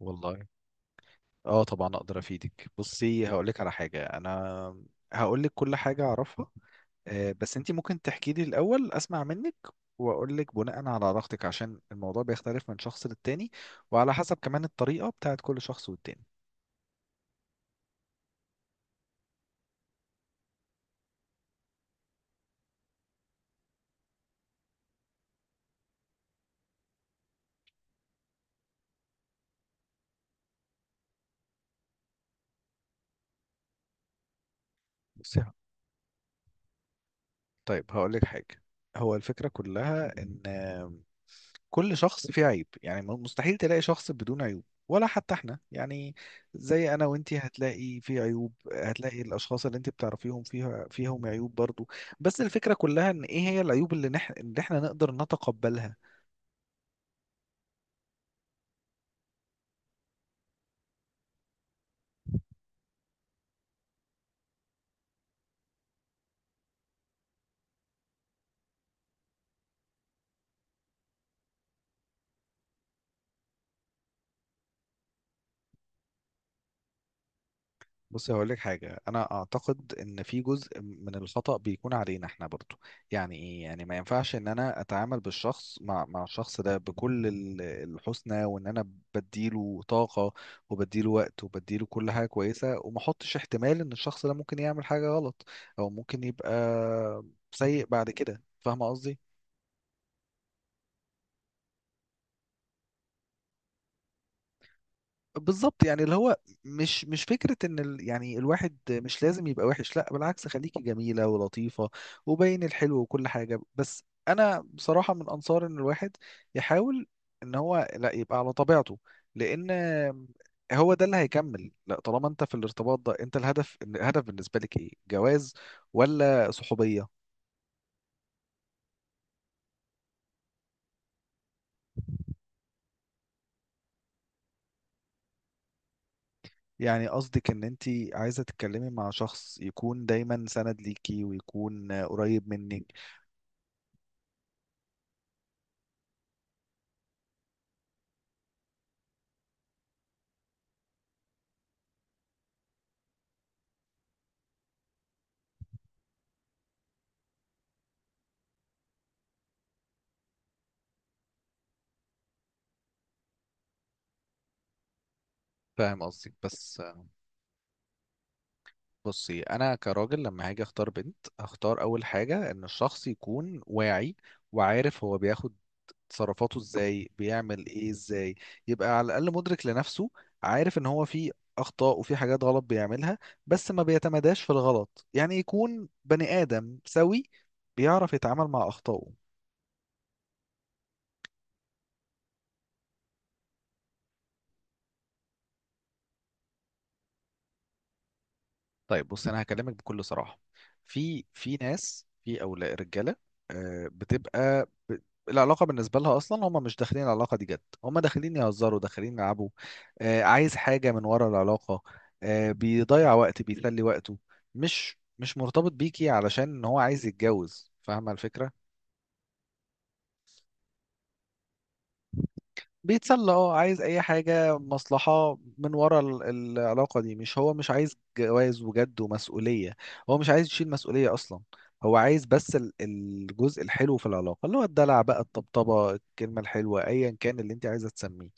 والله، اه طبعا اقدر افيدك. بصي، هقول لك على حاجه. انا هقول لك كل حاجه اعرفها. بس انت ممكن تحكي لي الاول اسمع منك، واقول لك بناء على علاقتك عشان الموضوع بيختلف من شخص للتاني، وعلى حسب كمان الطريقه بتاعت كل شخص والتاني. بصي طيب هقول لك حاجه. هو الفكره كلها ان كل شخص فيه عيب، يعني مستحيل تلاقي شخص بدون عيوب، ولا حتى احنا يعني. زي انا وانتي هتلاقي في عيوب، هتلاقي الاشخاص اللي انت بتعرفيهم فيها فيهم عيوب برضو. بس الفكرة كلها ان ايه هي العيوب اللي اللي احنا نقدر نتقبلها. بص هقول لك حاجة. أنا أعتقد إن في جزء من الخطأ بيكون علينا إحنا برضو. يعني إيه؟ يعني ما ينفعش إن أنا أتعامل بالشخص مع الشخص ده بكل الحسنى، وإن أنا بديله طاقة وبديله وقت وبديله كل حاجة كويسة، وما أحطش احتمال إن الشخص ده ممكن يعمل حاجة غلط، أو ممكن يبقى سيء بعد كده. فاهمة قصدي؟ بالظبط. يعني اللي هو مش فكرة ان ال يعني الواحد مش لازم يبقى وحش، لا بالعكس، خليكي جميلة ولطيفة وبين الحلو وكل حاجة. بس انا بصراحة من انصار ان الواحد يحاول ان هو لا يبقى على طبيعته، لان هو ده اللي هيكمل. لا طالما انت في الارتباط ده، انت الهدف، الهدف بالنسبة لك ايه، جواز ولا صحوبية؟ يعني قصدك ان انت عايزة تتكلمي مع شخص يكون دايما سند ليكي ويكون قريب منك. فاهم قصدك. بس بصي انا كراجل لما هاجي اختار بنت هختار اول حاجه ان الشخص يكون واعي، وعارف هو بياخد تصرفاته ازاي، بيعمل ايه ازاي، يبقى على الاقل مدرك لنفسه، عارف ان هو في اخطاء وفي حاجات غلط بيعملها، بس ما بيتمداش في الغلط. يعني يكون بني ادم سوي بيعرف يتعامل مع اخطائه. طيب بص انا هكلمك بكل صراحه. في في ناس، في اولاد رجاله بتبقى العلاقه بالنسبه لها اصلا هم مش داخلين العلاقه دي جد، هم داخلين يهزروا، داخلين يلعبوا. عايز حاجه من ورا العلاقه، بيضيع وقت، بيسلي وقته. مش مرتبط بيكي علشان ان هو عايز يتجوز. فاهمه الفكره؟ بيتسلى، اه، عايز اي حاجة، مصلحة من ورا العلاقة دي. مش هو مش عايز جواز وجد ومسؤولية، هو مش عايز يشيل مسؤولية اصلا. هو عايز بس الجزء الحلو في العلاقة، اللي هو الدلع بقى، الطبطبة، الكلمة الحلوة، ايا كان اللي انت عايزة تسميه.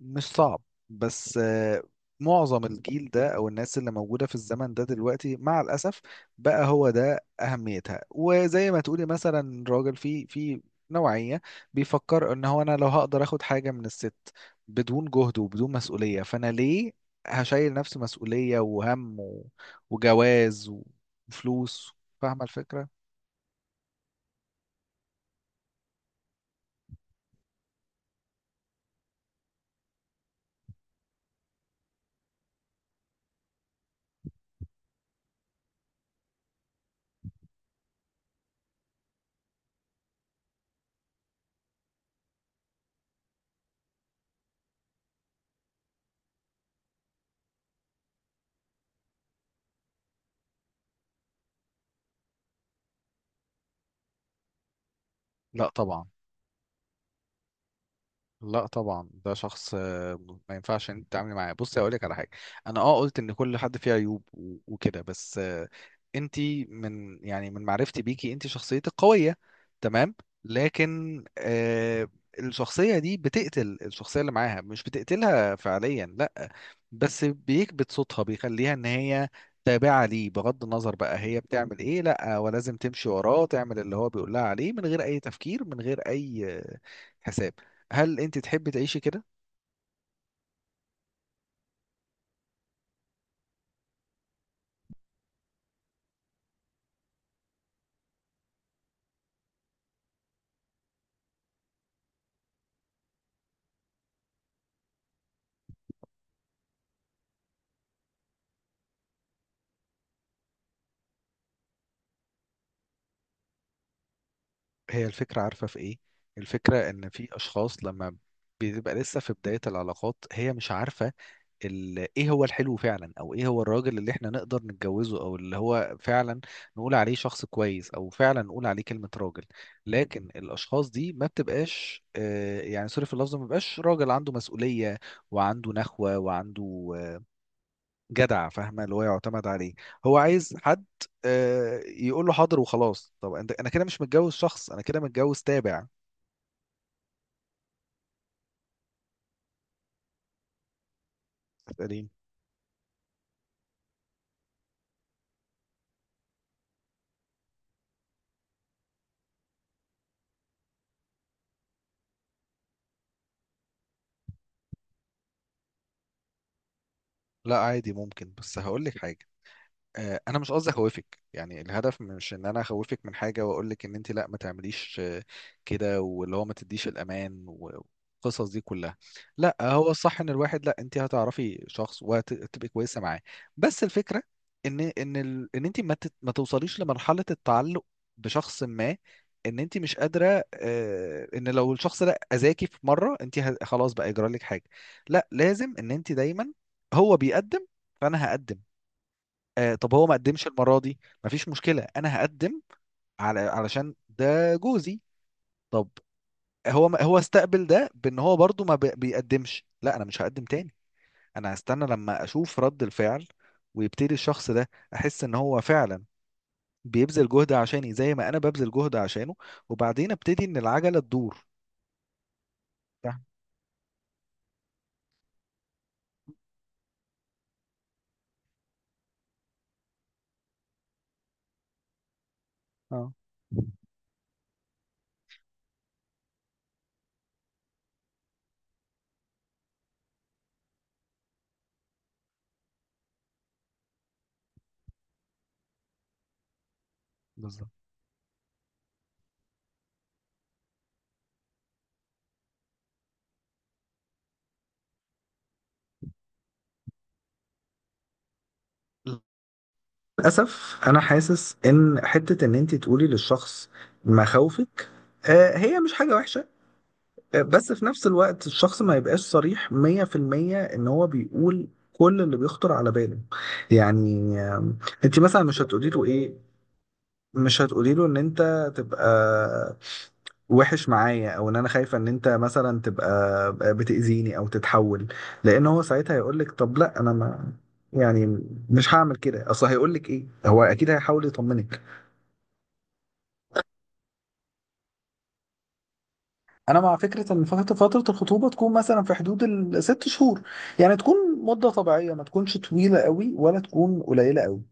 مش صعب، بس معظم الجيل ده او الناس اللي موجوده في الزمن ده دلوقتي، مع الاسف، بقى هو ده اهميتها. وزي ما تقولي مثلا راجل في في نوعيه بيفكر ان هو انا لو هقدر اخد حاجه من الست بدون جهد وبدون مسؤوليه، فانا ليه هشيل نفسي مسؤوليه وهم وجواز وفلوس؟ فاهمه الفكره؟ لا طبعا، لا طبعا، ده شخص ما ينفعش انت تتعاملي معاه. بصي اقول لك على حاجه، انا اه قلت ان كل حد فيه عيوب وكده، بس انت من، يعني من معرفتي بيكي، انت شخصيتك قويه، تمام، لكن آه الشخصيه دي بتقتل الشخصيه اللي معاها، مش بتقتلها فعليا لا، بس بيكبت صوتها، بيخليها ان هي تابعة ليه بغض النظر بقى هي بتعمل ايه، لا ولازم تمشي وراه، تعمل اللي هو بيقول لها عليه من غير اي تفكير، من غير اي حساب. هل انت تحبي تعيشي كده؟ هي الفكره، عارفه في ايه؟ الفكره ان في اشخاص لما بتبقى لسه في بدايه العلاقات هي مش عارفه ايه هو الحلو فعلا، او ايه هو الراجل اللي احنا نقدر نتجوزه، او اللي هو فعلا نقول عليه شخص كويس، او فعلا نقول عليه كلمه راجل. لكن الاشخاص دي ما بتبقاش، آه يعني سوري في اللفظ، ما بيبقاش راجل عنده مسؤوليه، وعنده نخوه، وعنده جدع، فاهمه اللي هو يعتمد عليه. هو عايز حد يقول له حاضر وخلاص. طب انت انا كده مش متجوز شخص، انا كده متجوز تابع. تسألين. لا عادي ممكن، بس هقول لك حاجه. انا مش قصدي اخوفك، يعني الهدف مش ان انا اخوفك من حاجه واقول لك ان انت لا ما تعمليش كده، واللي هو ما تديش الامان والقصص دي كلها. لا، هو الصح ان الواحد، لا انت هتعرفي شخص وهتبقي كويسه معاه. بس الفكره ان ان انت ما توصليش لمرحله التعلق بشخص ما، ان انت مش قادره. ان لو الشخص ده اذاكي في مره انت خلاص بقى يجرى لك حاجه، لا. لازم ان انت دايما هو بيقدم فانا هقدم، آه طب هو ما قدمش المرة دي، مفيش مشكلة أنا هقدم، على علشان ده جوزي. طب هو ما هو استقبل ده بأن هو برضو ما بي- بيقدمش، لا أنا مش هقدم تاني، أنا هستنى لما أشوف رد الفعل، ويبتدي الشخص ده أحس إن هو فعلا بيبذل جهد عشاني زي ما أنا ببذل جهد عشانه، وبعدين أبتدي إن العجلة تدور. فاهم؟ اه، بالظبط. للأسف أنا حاسس إن حتة إن أنت تقولي للشخص مخاوفك هي مش حاجة وحشة، بس في نفس الوقت الشخص ما يبقاش صريح 100% ان هو بيقول كل اللي بيخطر على باله. يعني انت مثلا مش هتقولي له ايه، مش هتقولي له ان انت تبقى وحش معايا، او ان انا خايفه ان انت مثلا تبقى بتأذيني او تتحول، لان هو ساعتها هيقول لك طب لا انا ما، يعني مش هعمل كده، اصل هيقول لك ايه، هو اكيد هيحاول يطمنك. انا مع فكره ان فتره الخطوبه تكون مثلا في حدود الست شهور، يعني تكون مده طبيعيه، ما تكونش طويله قوي ولا تكون قليله قوي.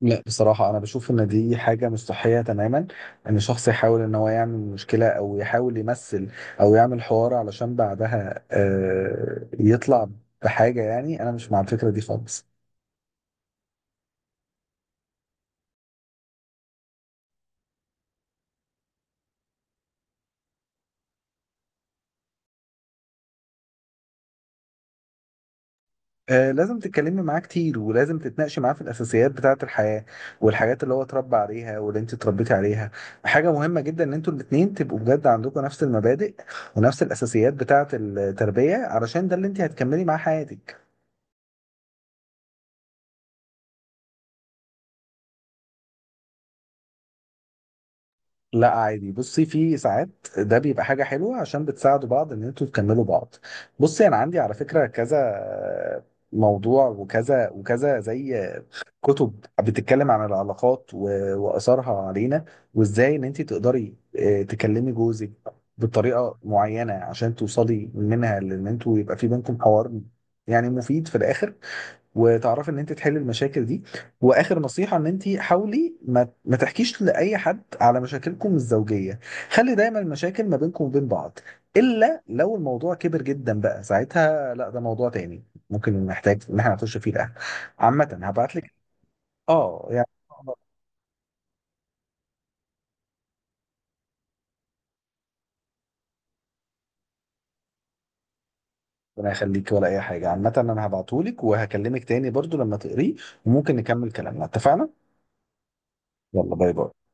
لا بصراحه انا بشوف ان دي حاجه مش صحيه تماما، ان شخص يحاول ان هو يعمل مشكله، او يحاول يمثل او يعمل حوار علشان بعدها يطلع بحاجه. يعني انا مش مع الفكره دي خالص. لازم تتكلمي معاه كتير، ولازم تتناقشي معاه في الاساسيات بتاعه الحياه، والحاجات اللي هو اتربى عليها واللي انت اتربيتي عليها. حاجه مهمه جدا ان انتوا الاتنين تبقوا بجد عندكم نفس المبادئ، ونفس الاساسيات بتاعه التربيه، علشان ده اللي انت هتكملي معاه حياتك. لا عادي، بصي في ساعات ده بيبقى حاجه حلوه عشان بتساعدوا بعض، ان انتوا تكملوا بعض. بصي انا عندي على فكره كذا موضوع، وكذا وكذا، زي كتب بتتكلم عن العلاقات واثارها علينا، وازاي ان انت تقدري تكلمي جوزك بطريقه معينه، عشان توصلي منها لان انتوا يبقى في بينكم حوار، يعني مفيد في الاخر، وتعرفي ان انت تحلي المشاكل دي. واخر نصيحه، ان انت حاولي ما تحكيش لاي حد على مشاكلكم الزوجيه. خلي دايما المشاكل ما بينكم وبين بعض، الا لو الموضوع كبر جدا، بقى ساعتها لا، ده موضوع تاني ممكن نحتاج ان احنا نخش فيه. ده عامة هبعت. اه يعني، ربنا يخليك، ولا اي حاجه، عامه انا هبعتهولك، وهكلمك تاني برضو لما تقريه، وممكن نكمل كلامنا. اتفقنا. يلا باي باي.